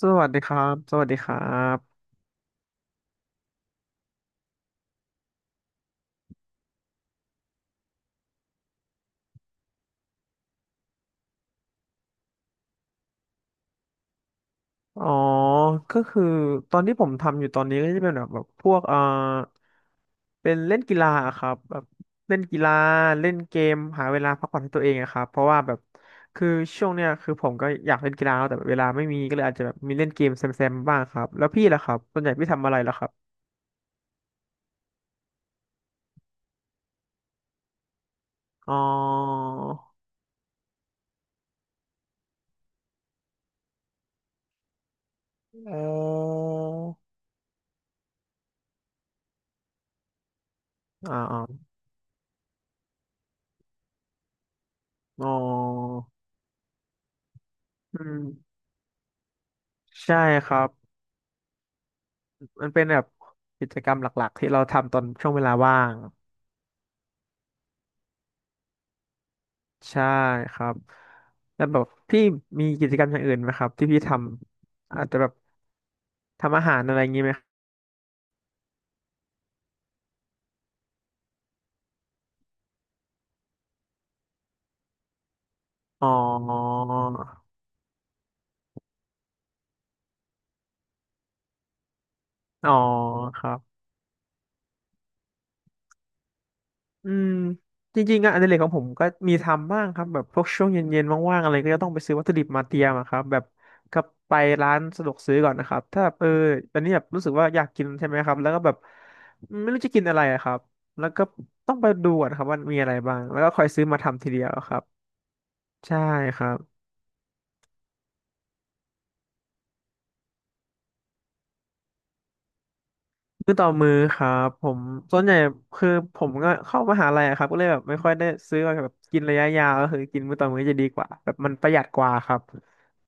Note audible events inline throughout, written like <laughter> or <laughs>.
สวัสดีครับสวัสดีครับ อ๋อ ก็คือตอนที่ผมทำอยู่ตอนนี้ก็จะเป็นแบบพวกเป็นเล่นกีฬาอะครับแบบเล่นกีฬาเล่นเกมหาเวลาพักผ่อนให้ตัวเองอะครับเพราะว่าแบบคือช่วงเนี้ยคือผมก็อยากเล่นกีฬาแต่เวลาไม่มีก็เลยอาจจะแบบมีเล่นเกมแซมๆบ้างครับแล้วพี่ล่ะครับส่วนใหญ่พี่ทำอะไรล่ะครับอ๋อออ๋ออ๋ออ๋ออืมใช่ครับ มันเป็นแบบกิจกรรมหลักๆที่เราทำตอนช่วงเวลาว่างใช่ครับแล้วแบบพี่มีกิจกรรมอย่างอื่นไหมครับที่พี่ทำอาจจะแบบทำอาหารอะไรอย่างงี้ไหมอ๋ออ๋อครับ อืมจริงๆงานอดิเรกของผมก็มีทำบ้างครับแบบพวกช่วงเย็นๆว่างๆอะไรก็จะต้องไปซื้อวัตถุดิบมาเตรียมอะครับแบบก็ไปร้านสะดวกซื้อก่อนนะครับถ้าแบบเออตอนนี้แบบรู้สึกว่าอยากกินใช่ไหมครับแล้วก็แบบไม่รู้จะกินอะไรอะครับแล้วก็ต้องไปดูก่อนครับว่ามีอะไรบ้างแล้วก็คอยซื้อมาทำทีเดียวครับใช่ครับ มือต่อมือครับผมส่วนใหญ่คือผมก็เข้ามหาลัยอะครับก็เลยแบบไม่ค่อยได้ซื้อมาแบบกินระยะยาวก็คือกินมื้อต่อมื้อจะดีกว่าแบบมันประหยัดกว่าครับ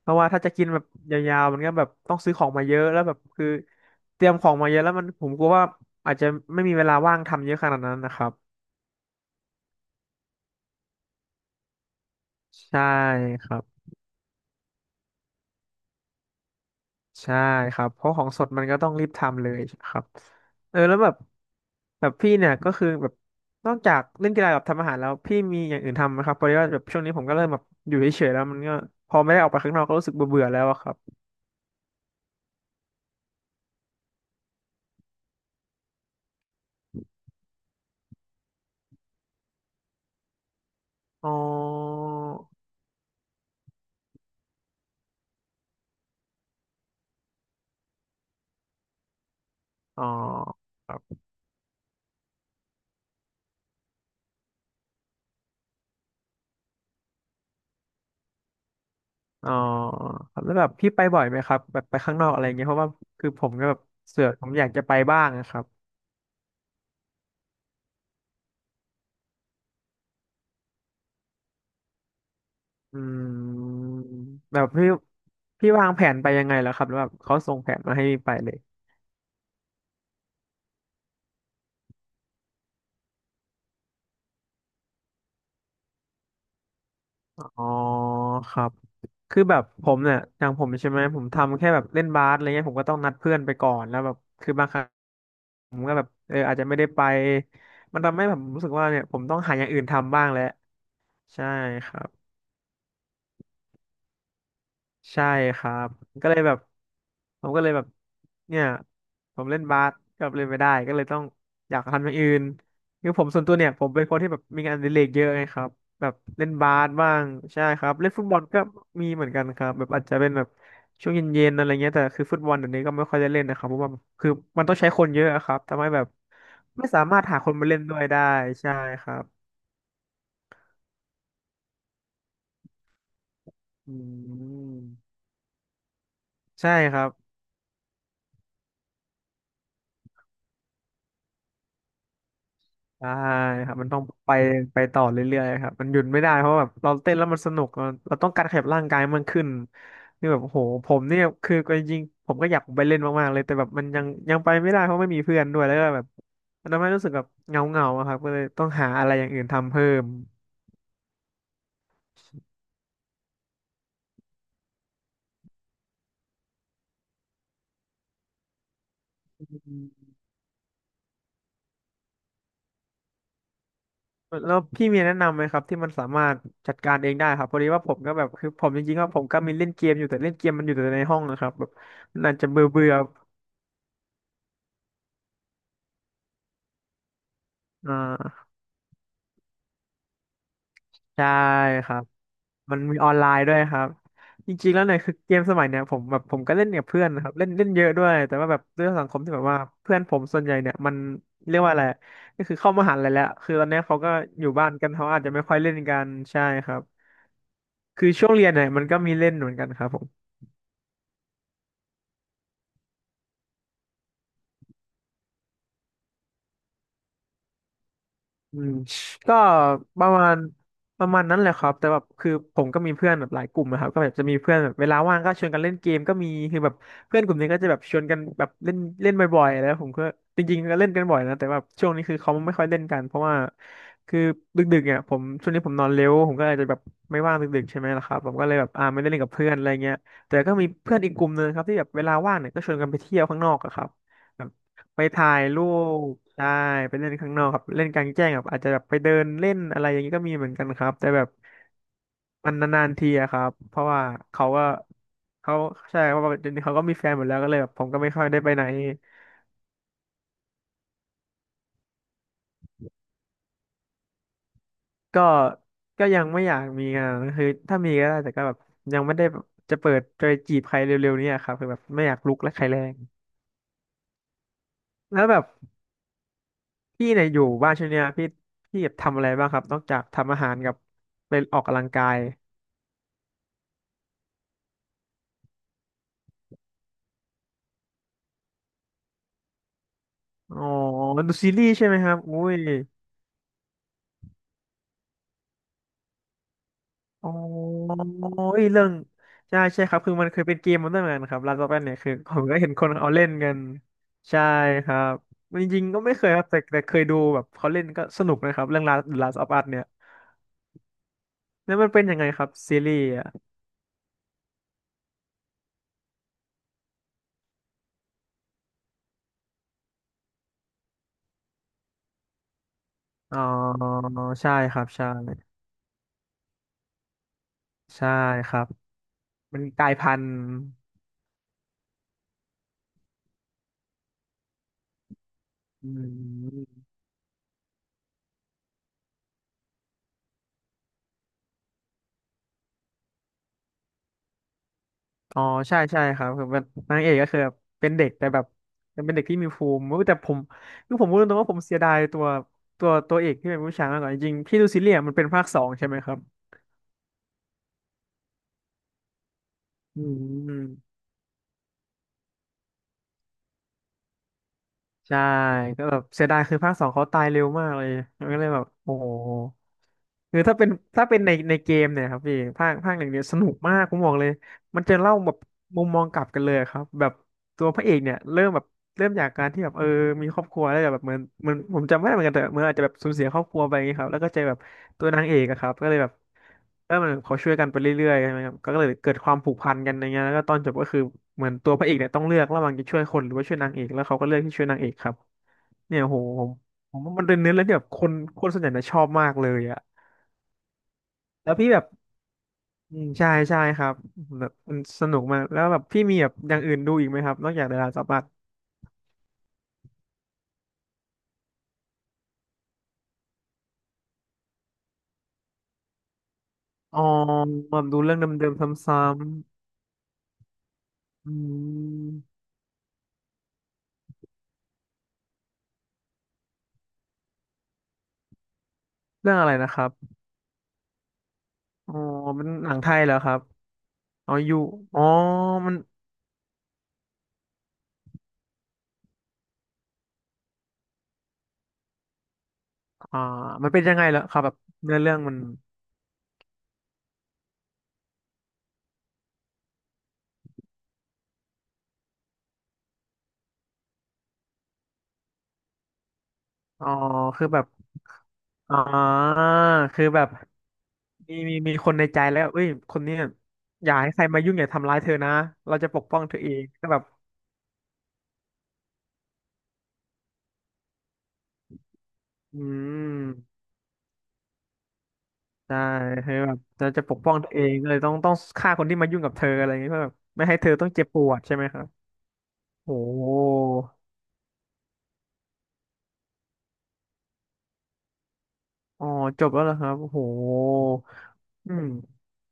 เพราะว่าถ้าจะกินแบบยาวๆมันก็แบบต้องซื้อของมาเยอะแล้วแบบคือเตรียมของมาเยอะแล้วมันผมกลัวว่าอาจจะไม่มีเวลาว่างทำเยอะขนาดนั้นนะครับใช่ครับ ใช่ครับเพราะของสดมันก็ต้องรีบทำเลยครับเออแล้วแบบพี่เนี่ยก็คือแบบนอกจากเล่นกีฬากับทำอาหารแล้วพี่มีอย่างอื่นทำไหมครับเพราะว่าแบบช่วงนี้ผมก็เริ่มแบบอยู่เฉยๆแล้วมันก็พอไม่ได้ออกไปข้างนอกก็รู้สึกเบื่อๆแล้วอะครับอ๋ออ๋อครับอ๋อครับแล้วแบบพี่ไปบ่อยไหมครับแบบไปข้างนอกอะไรเงี้ยเพราะว่าคือผมก็แบบเสือกผมอยากจะไปบ้างนะครับอืมแบบพี่วางแผนไปยังไงแล้วครับแล้วแบบเขาส่งแผนมาให้ไปเลย อ๋อครับ คือแบบผมเนี่ยอย่างผมใช่ไหมผมทำแค่แบบเล่นบาสอะไรเงี้ยผมก็ต้องนัดเพื่อนไปก่อนแล้วแบบคือบางครั้งเอออาจจะไม่ได้ไปมันทำให้ผมรู้สึกว่าเนี่ยผมต้องหาอย่างอื่นทำบ้างแล้วใช่ครับ ใช่ครับก็เลยแบบผมก็เลยแบบเนี่ยผมเล่นบาสก็เล่นไม่ได้ก็เลยต้องอยากทำอย่างอื่นคือผมส่วนตัวเนี่ยผมเป็นคนที่แบบมีงานอดิเรกเยอะไงครับแบบเล่นบาสบ้างใช่ครับเล่นฟุตบอลก็มีเหมือนกันครับแบบอาจจะเป็นแบบช่วงเย็นๆอะไรเงี้ยแต่คือฟุตบอลเดี๋ยวนี้ก็ไม่ค่อยได้เล่นนะครับเพราะว่าคือมันต้องใช้คนเยอะอะครับทำให้แบบไม่สามารถหาคนมาเล่นด้วยได้ใช่ครับอืมใช่ครับ ใช่ครับมันต้องไปไปต่อเรื่อยๆครับมันหยุดไม่ได้เพราะแบบเราเต้นแล้วมันสนุกเราต้องการขยับร่างกายมันขึ้นนี่แบบโอ้โหผมเนี่ยคือก็จริงๆผมก็อยากไปเล่นมากๆเลยแต่แบบมันยังไปไม่ได้เพราะไม่มีเพื่อนด้วยแล้วก็แบบมันทำให้รู้สึกแบบเงาๆงาครับก็เลยต้องหาอะไรอย่างอื่นทำเพิ่มอืมแล้วพี่มีแนะนำไหมครับที่มันสามารถจัดการเองได้ครับพอดีว่าผมก็แบบคือผมจริงๆผมก็มีเล่นเกมอยู่แต่เล่นเกมมันอยู่แต่ในห้องนะครับแบบมันอาจจะเบื่อเบื่ออ่า ใช่ครับ มันมีออนไลน์ด้วยครับ จริงๆ แล้วเนี่ยคือเกมสมัยเนี่ยผมแบบผมก็เล่นกับเพื่อนนะครับเล่นเล่นเยอะด้วยแต่ว่าแบบด้วยสังคมที่แบบว่าเพื่อนผมส่วนใหญ่เนี่ยมันเรียกว่าอะไรก็คือเข้ามหาลัยแล้วคือตอนเนี้ยเขาก็อยู่บ้านกันเขาอาจจะไม่ค่อยเล่นกันใช่ครับคือช่วงเรียนเนี่ยมันก็มีเล่นเหมือนกันครับผม อืมก็ประมาณประมาณนั้นแหละครับแต่แบบคือผมก็มีเพื่อนแบบหลายกลุ่มนะครับก็แบบจะมีเพื่อนแบบเวลาว่างก็ชวนกันเล่นเกมก็มีคือแบบเพื่อนกลุ่มนี้ก็จะแบบชวนกันแบบเล่นเล่นบ่อยๆแล้วผมก็จริงๆก็เล่นกันบ่อยนะแต่แบบช่วงนี้คือเขาไม่ค่อยเล่นกันเพราะว่าคือดึกๆเนี่ยผมช่วงนี้ผมนอนเร็วผมก็อาจจะแบบไม่ว่างดึกๆใช่ไหมล่ะครับผมก็เลยแบบไม่ได้เล่นกับเพื่อนอะไรเงี้ยแต่ก็มีเพื่อนอีกกลุ่มนึงครับที่แบบเวลาว่างเนี่ยก็ชวนกันไปเที่ยวข้างนอกอะครับ ไปถ่ายรูปได้ไปเล่นข้างนอกครับเล่นกลางแจ้งครับอาจจะแบบไปเดินเล่นอะไรอย่างนี้ก็มีเหมือนกันครับแต่แบบมันนานๆทีอะครับเพราะว่าเขาก็เขาใช่เพราะว่าเดี๋ยวนี้เขาก็มีแฟนหมดแล้วก็เลยแบบผมก็ไม่ค่อยได้ไปไหนก็ก็ยังไม่อยากมีงานคือถ้ามีก็ได้แต่ก็แบบยังไม่ได้แบบจะเปิดจะไปจีบใครเร็วๆเนี่ยครับคือแบบไม่อยากลุกและใครแรงแล้วแบบพี่เนี่ยอยู่บ้านช่วงเนี้ยพี่แบบทำอะไรบ้างครับนอกจากทำอาหารกับไปออกกำลังกาย อ๋อดูซีรีส์ใช่ไหมครับอุ้ยอ๋อเอ้ยเรื่องใช่ใช่ครับคือมันเคยเป็นเกมมันด้วยเหมือนกันครับลาสต์อออัเนี่ยคือ <laughs> ผมก็เห็นคนเอาเล่นกันใช่ครับจริงๆก็ไม่เคยครับแต่แต่เคยดูแบบเขาเล่นก็สนุกนะครับเรื่อง Last of Us เนี่ยแล้วมันเป็นยังไงครับซีรีส์อ่ะอ๋อใช่ครับใช่ใช่ครับมันกลายพันธุ์อืม อ๋อใช่ใช่ครับคือแบบนางเอกก็คือแบบเป็นเด็กแต่แบบเป็นเด็กที่มีภูมิแต่ผมคือผมพูดตรงๆว่าผมเสียดายตัวตัวเอกที่เป็นผู้ชายมากกว่าจริงๆพี่ดูซีเรียส์มันเป็นภาคสองใช่ไหมครับอืม ใช่ก็แบบเสียดายคือภาคสองเขาตายเร็วมากเลยมันก็เลยแบบโอ้โหคือถ้าเป็นถ้าเป็นในเกมเนี่ยครับพี่ภาคหนึ่งเนี่ยสนุกมากผมบอกเลยมันจะเล่าแบบมุมมองกลับกันเลยครับแบบตัวพระเอกเนี่ยเริ่มแบบเริ่มจากการที่แบบมีครอบครัวแล้วแบบเหมือนผมจำไม่ได้เหมือนกันแต่เหมื่อนอาจจะแบบสูญเสียครอบครัวไปอย่างเงี้ยครับแล้วก็เจอแบบ ตัวนางเอกอะครับก็เลยแบบมันเขาช่วยกันไปเรื่อยๆใช่ไหมครับก็เลยเกิดความผูกพันกันอย่างเงี้ยแล้วก็ตอนจบก็คือเหมือนตัวพระเอกเนี่ยต้องเลือกระหว่างจะช่วยคนหรือว่าช่วยนางเอกแล้วเขาก็เลือกที่ช่วยนางเอกครับเนี่ยโหผมผมว่ามันเป็นเนื้อเรื่องที่แบบคนคนส่วนใหญ่นะชอบมากเลยอะแล้วพี่แบบอืมใช่ใช่ครับแบบมันสนุกมากแล้วแบบพี่มีแบบอย่างอื่นดูอีกไหมครับนอกจากเดอะลาสต์ออฟอัสอ๋อแบบดูเรื่องเดิมๆซ้ำๆอืมเรื่องอะไรนะครับอ๋อเป็นหนังไทยเหรอครับ อ๋ออยู่อ๋อมันอ่ามันเป็นยังไงเหรอครับแบบเนื้อเรื่องมันอ๋อคือแบบอ่าคือแบบมีคนในใจแล้วเอ้ยคนเนี้ยอย่าให้ใครมายุ่งอย่าทำร้ายเธอนะเราจะปกป้องเธอเองก็แบบอืมใช่เธอแบบจะปกป้องเธอเองก็เลยต้องฆ่าคนที่มายุ่งกับเธออะไรอย่างเงี้ยเพื่อแบบไม่ให้เธอต้องเจ็บปวดใช่ไหมครับโอ้ อ๋อจบแล้วเหรอครับโอ้โหอืม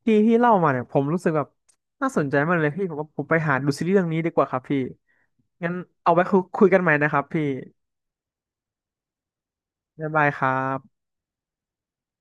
ที่เล่ามาเนี่ยผมรู้สึกแบบน่าสนใจมากเลยพี่ผมว่าผมไปหาดูซีรีส์เรื่องนี้ดีกว่าครับพี่งั้นเอาไว้คุยกันใหม่นะครับพี่บ๊ายบายครับ